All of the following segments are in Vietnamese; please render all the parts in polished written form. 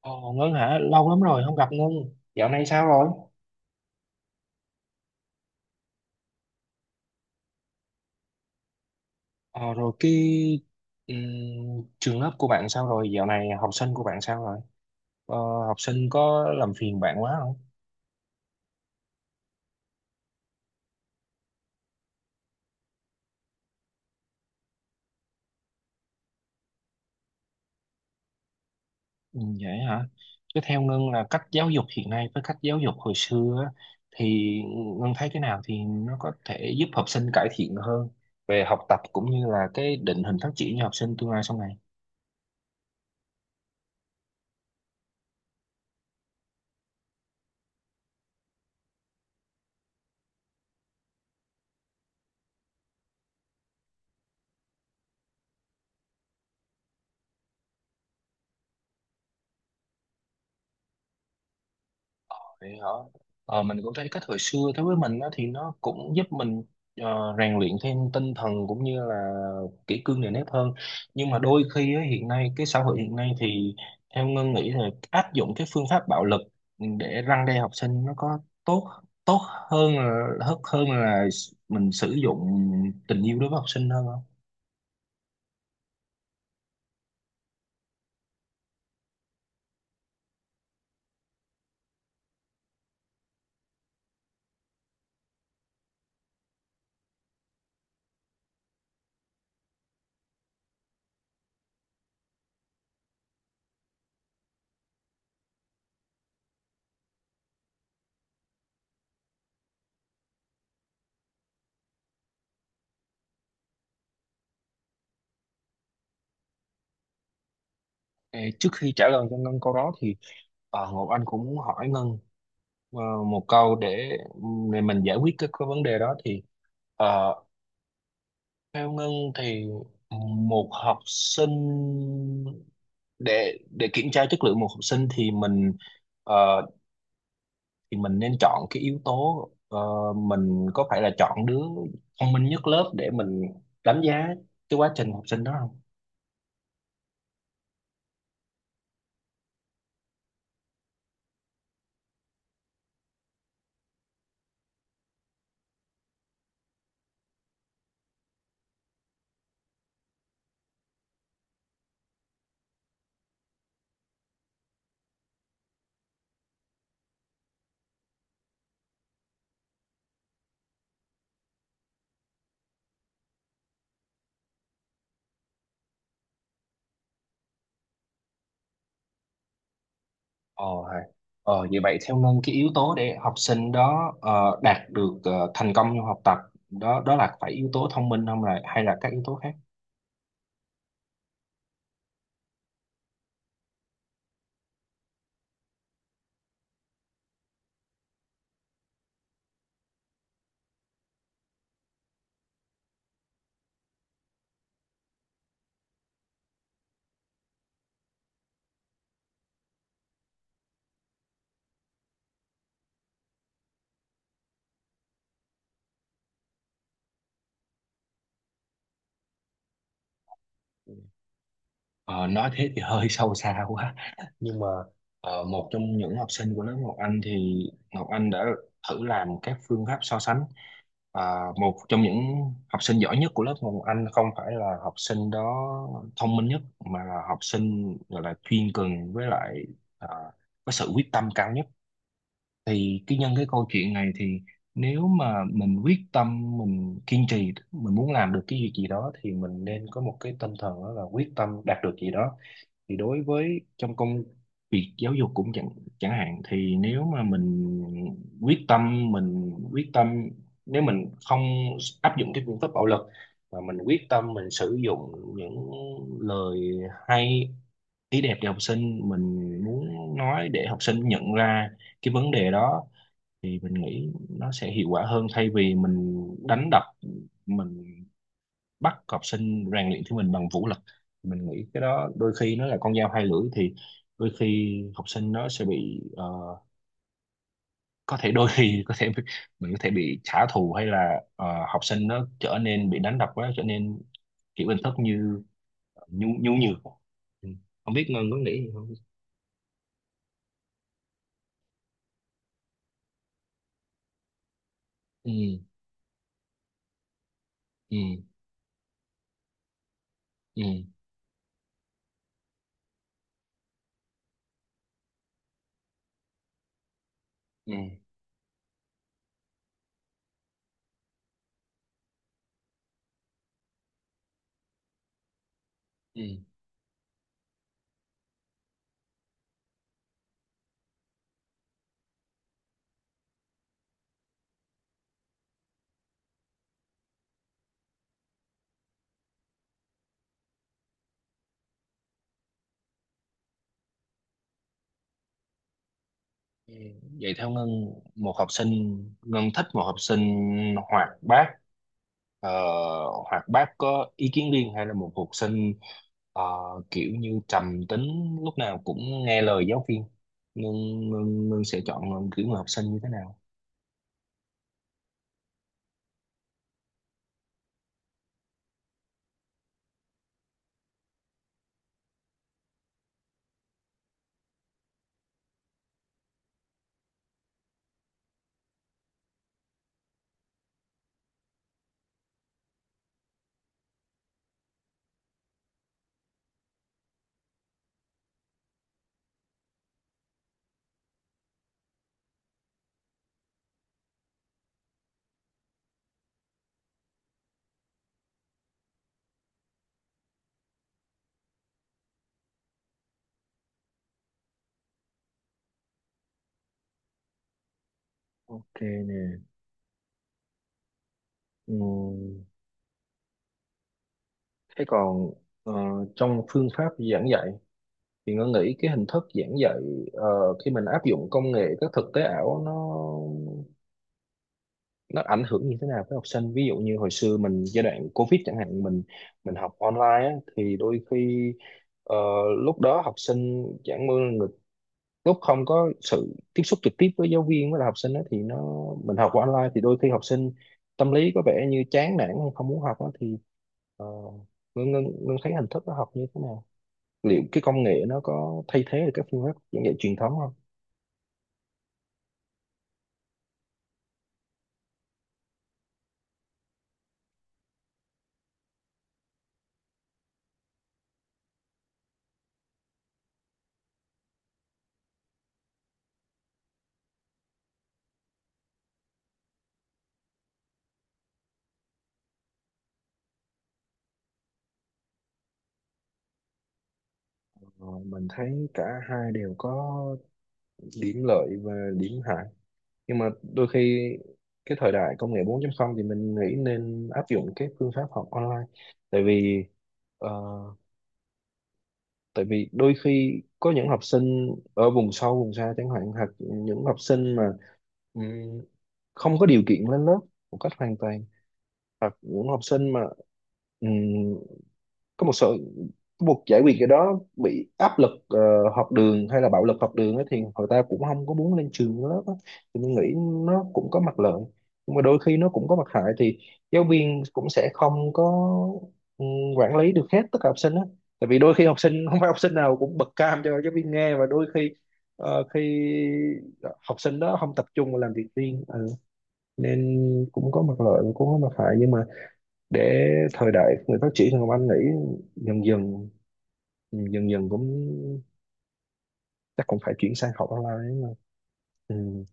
Ờ, Ngân hả? Lâu lắm rồi không gặp Ngân. Dạo này sao rồi? Ờ, rồi cái ừm, trường lớp của bạn sao rồi? Dạo này học sinh của bạn sao rồi? Ờ, học sinh có làm phiền bạn quá không? Ừ, vậy hả? Chứ theo Ngân là cách giáo dục hiện nay với cách giáo dục hồi xưa á, thì Ngân thấy cái nào thì nó có thể giúp học sinh cải thiện hơn về học tập cũng như là cái định hình phát triển cho học sinh tương lai sau này. Vậy hả? Ờ, mình cũng thấy cách hồi xưa đối với mình đó, thì nó cũng giúp mình rèn luyện thêm tinh thần cũng như là kỷ cương nề nếp hơn. Nhưng mà đôi khi á, hiện nay cái xã hội hiện nay thì theo Ngân nghĩ là áp dụng cái phương pháp bạo lực để răn đe học sinh nó có tốt tốt hơn là mình sử dụng tình yêu đối với học sinh hơn không? Ê, trước khi trả lời cho Ngân câu đó thì Ngọc Anh cũng muốn hỏi Ngân, Ờ, một câu để mình giải quyết cái vấn đề đó thì ờ, theo Ngân thì một học sinh, để kiểm tra chất lượng một học sinh thì ờ, mình nên chọn cái yếu tố, mình có phải là chọn đứa thông minh nhất lớp để mình đánh giá cái quá trình học sinh đó không? Ờ, hay. Ờ vậy vậy theo Ngân cái yếu tố để học sinh đó đạt được thành công trong học tập, đó đó là phải yếu tố thông minh không, là hay là các yếu tố khác? Ờ, nói thế thì hơi sâu xa quá, nhưng mà một trong những học sinh của lớp Ngọc Anh thì Ngọc Anh đã thử làm các phương pháp so sánh. Một trong những học sinh giỏi nhất của lớp Ngọc Anh không phải là học sinh đó thông minh nhất, mà là học sinh gọi là chuyên cần, với lại ờ, có sự quyết tâm cao nhất. Thì cái nhân cái câu chuyện này, thì nếu mà mình quyết tâm, mình kiên trì, mình muốn làm được cái việc gì đó thì mình nên có một cái tinh thần, đó là quyết tâm đạt được gì đó. Thì đối với trong công việc giáo dục cũng chẳng chẳng hạn, thì nếu mà mình quyết tâm nếu mình không áp dụng cái phương pháp bạo lực, mà mình quyết tâm mình sử dụng những lời hay ý đẹp để học sinh mình muốn nói, để học sinh nhận ra cái vấn đề đó, thì mình nghĩ nó sẽ hiệu quả hơn thay vì mình đánh đập, mình bắt học sinh rèn luyện thi mình bằng vũ lực. Mình nghĩ cái đó đôi khi nó là con dao hai lưỡi, thì đôi khi học sinh nó sẽ bị có thể đôi khi có thể mình có thể bị trả thù, hay là học sinh nó trở nên bị đánh đập quá, trở nên kiểu hình thức như nhu nhu nhược Ừ. Không biết Ngân có nghĩ gì không? Ừ. Ừ. Ừ. Ừ. Ừ, vậy theo Ngân một học sinh, Ngân thích một học sinh ờ, hoạt bát có ý kiến riêng, hay là một học sinh ờ, kiểu như trầm tính, lúc nào cũng nghe lời giáo viên, Ngân, Ngân sẽ chọn kiểu người học sinh như thế nào? Ok nè. Ừ. Thế còn ờ, trong phương pháp giảng dạy, thì Ngân nghĩ cái hình thức giảng dạy ờ, khi mình áp dụng công nghệ các thực tế ảo, nó ảnh hưởng như thế nào với học sinh? Ví dụ như hồi xưa mình giai đoạn Covid chẳng hạn, mình học online á, thì đôi khi ờ, lúc đó học sinh chẳng mưa người, lúc không có sự tiếp xúc trực tiếp với giáo viên với lại học sinh á, thì nó mình học qua online thì đôi khi học sinh tâm lý có vẻ như chán nản, hay không muốn học á, thì ờ, Ngân thấy hình thức nó học như thế nào, liệu cái công nghệ nó có thay thế được các phương pháp giảng dạy truyền thống không? Ờ, mình thấy cả hai đều có điểm lợi và điểm hại, nhưng mà đôi khi cái thời đại công nghệ 4.0 thì mình nghĩ nên áp dụng cái phương pháp học online, tại vì ờ, tại vì đôi khi có những học sinh ở vùng sâu vùng xa chẳng hạn, hoặc những học sinh mà ừm, không có điều kiện lên lớp một cách hoàn toàn, hoặc những học sinh mà có một sự buộc giải quyết cái đó, bị áp lực học đường hay là bạo lực học đường ấy, thì người ta cũng không có muốn lên trường lớp á. Thì mình nghĩ nó cũng có mặt lợi, nhưng mà đôi khi nó cũng có mặt hại, thì giáo viên cũng sẽ không có ừ, quản lý được hết tất cả học sinh á, tại vì đôi khi học sinh không phải học sinh nào cũng bật cam cho giáo viên nghe, và khi học sinh đó không tập trung, vào làm việc riêng. Ừ. Nên cũng có mặt lợi và cũng có mặt hại, nhưng mà để thời đại người phát triển hơn, anh nghĩ dần dần dần dần cũng chắc cũng phải chuyển sang học online mà. Ừ.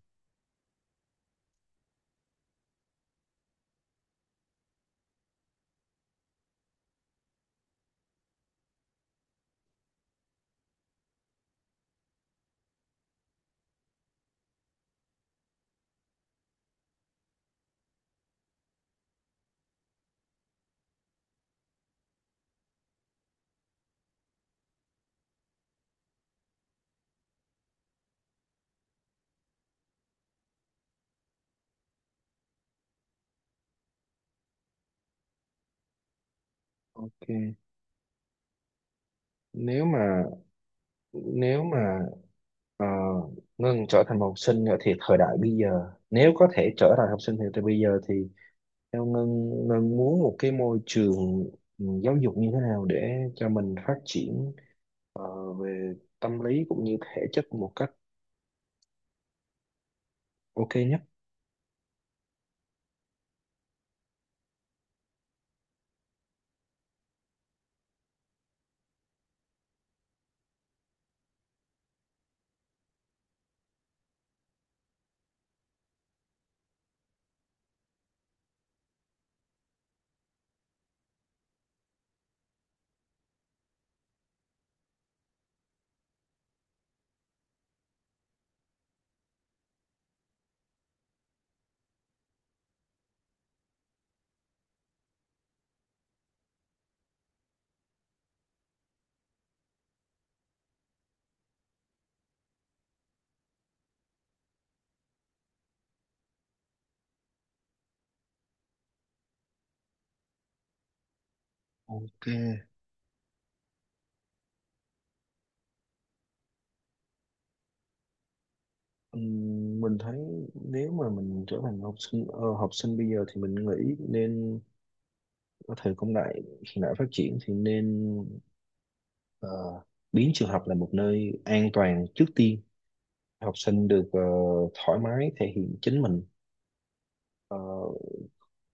Ok. Nếu mà nếu mà ờ, Ngân trở thành một học sinh nữa, thì thời đại bây giờ nếu có thể trở thành học sinh thì từ bây giờ thì theo Ngân, Ngân muốn một cái môi trường, giáo dục như thế nào để cho mình phát triển về tâm lý cũng như thể chất một cách ok nhất? Ok. Mình thấy nếu mà mình trở thành học sinh bây giờ, thì mình nghĩ nên, có thể công nghệ hiện đại phát triển thì nên ờ, biến trường học là một nơi an toàn trước tiên, học sinh được thoải mái thể hiện chính mình. Ờ,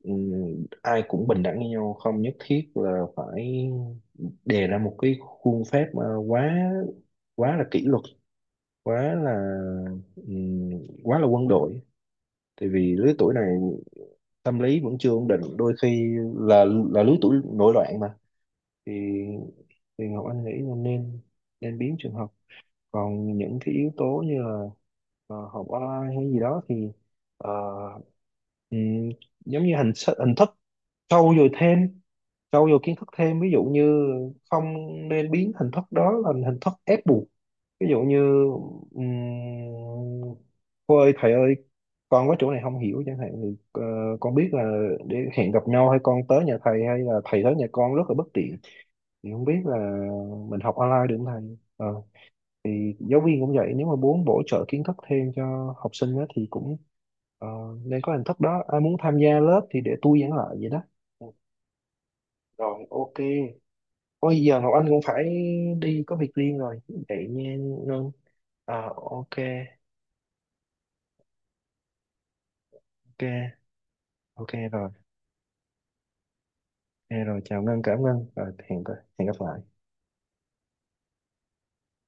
ừm, Ai cũng bình đẳng với nhau, không nhất thiết là phải đề ra một cái khuôn phép mà quá quá là kỷ luật, quá là ừm, quá là quân đội, tại vì lứa tuổi này tâm lý vẫn chưa ổn định, đôi khi là lứa tuổi nổi loạn mà, thì thì Ngọc Anh nghĩ là nên nên biến trường học. Còn những cái yếu tố như là học online hay gì đó thì ờ, ừm, giống như hình thức trau dồi thêm, trau dồi kiến thức thêm, ví dụ như không nên biến hình thức đó thành hình thức ép buộc. Ví dụ như um, cô ơi thầy ơi, con có chỗ này không hiểu chẳng hạn, thì con biết là để hẹn gặp nhau hay con tới nhà thầy hay là thầy tới nhà con rất là bất tiện, thì không biết là mình học online được không thầy. Ờ, thì giáo viên cũng vậy, nếu mà muốn bổ trợ kiến thức thêm cho học sinh á, thì cũng ờ, nên có hình thức đó, ai muốn tham gia lớp thì để tôi giảng lại vậy đó. Ừ, rồi. Ok. Ôi giờ Ngọc Anh cũng phải đi có việc riêng rồi, vậy nha Ngân. À, ok. Ok. Ok rồi. Ok rồi, chào Ngân, cảm ơn, rồi hẹn gặp lại.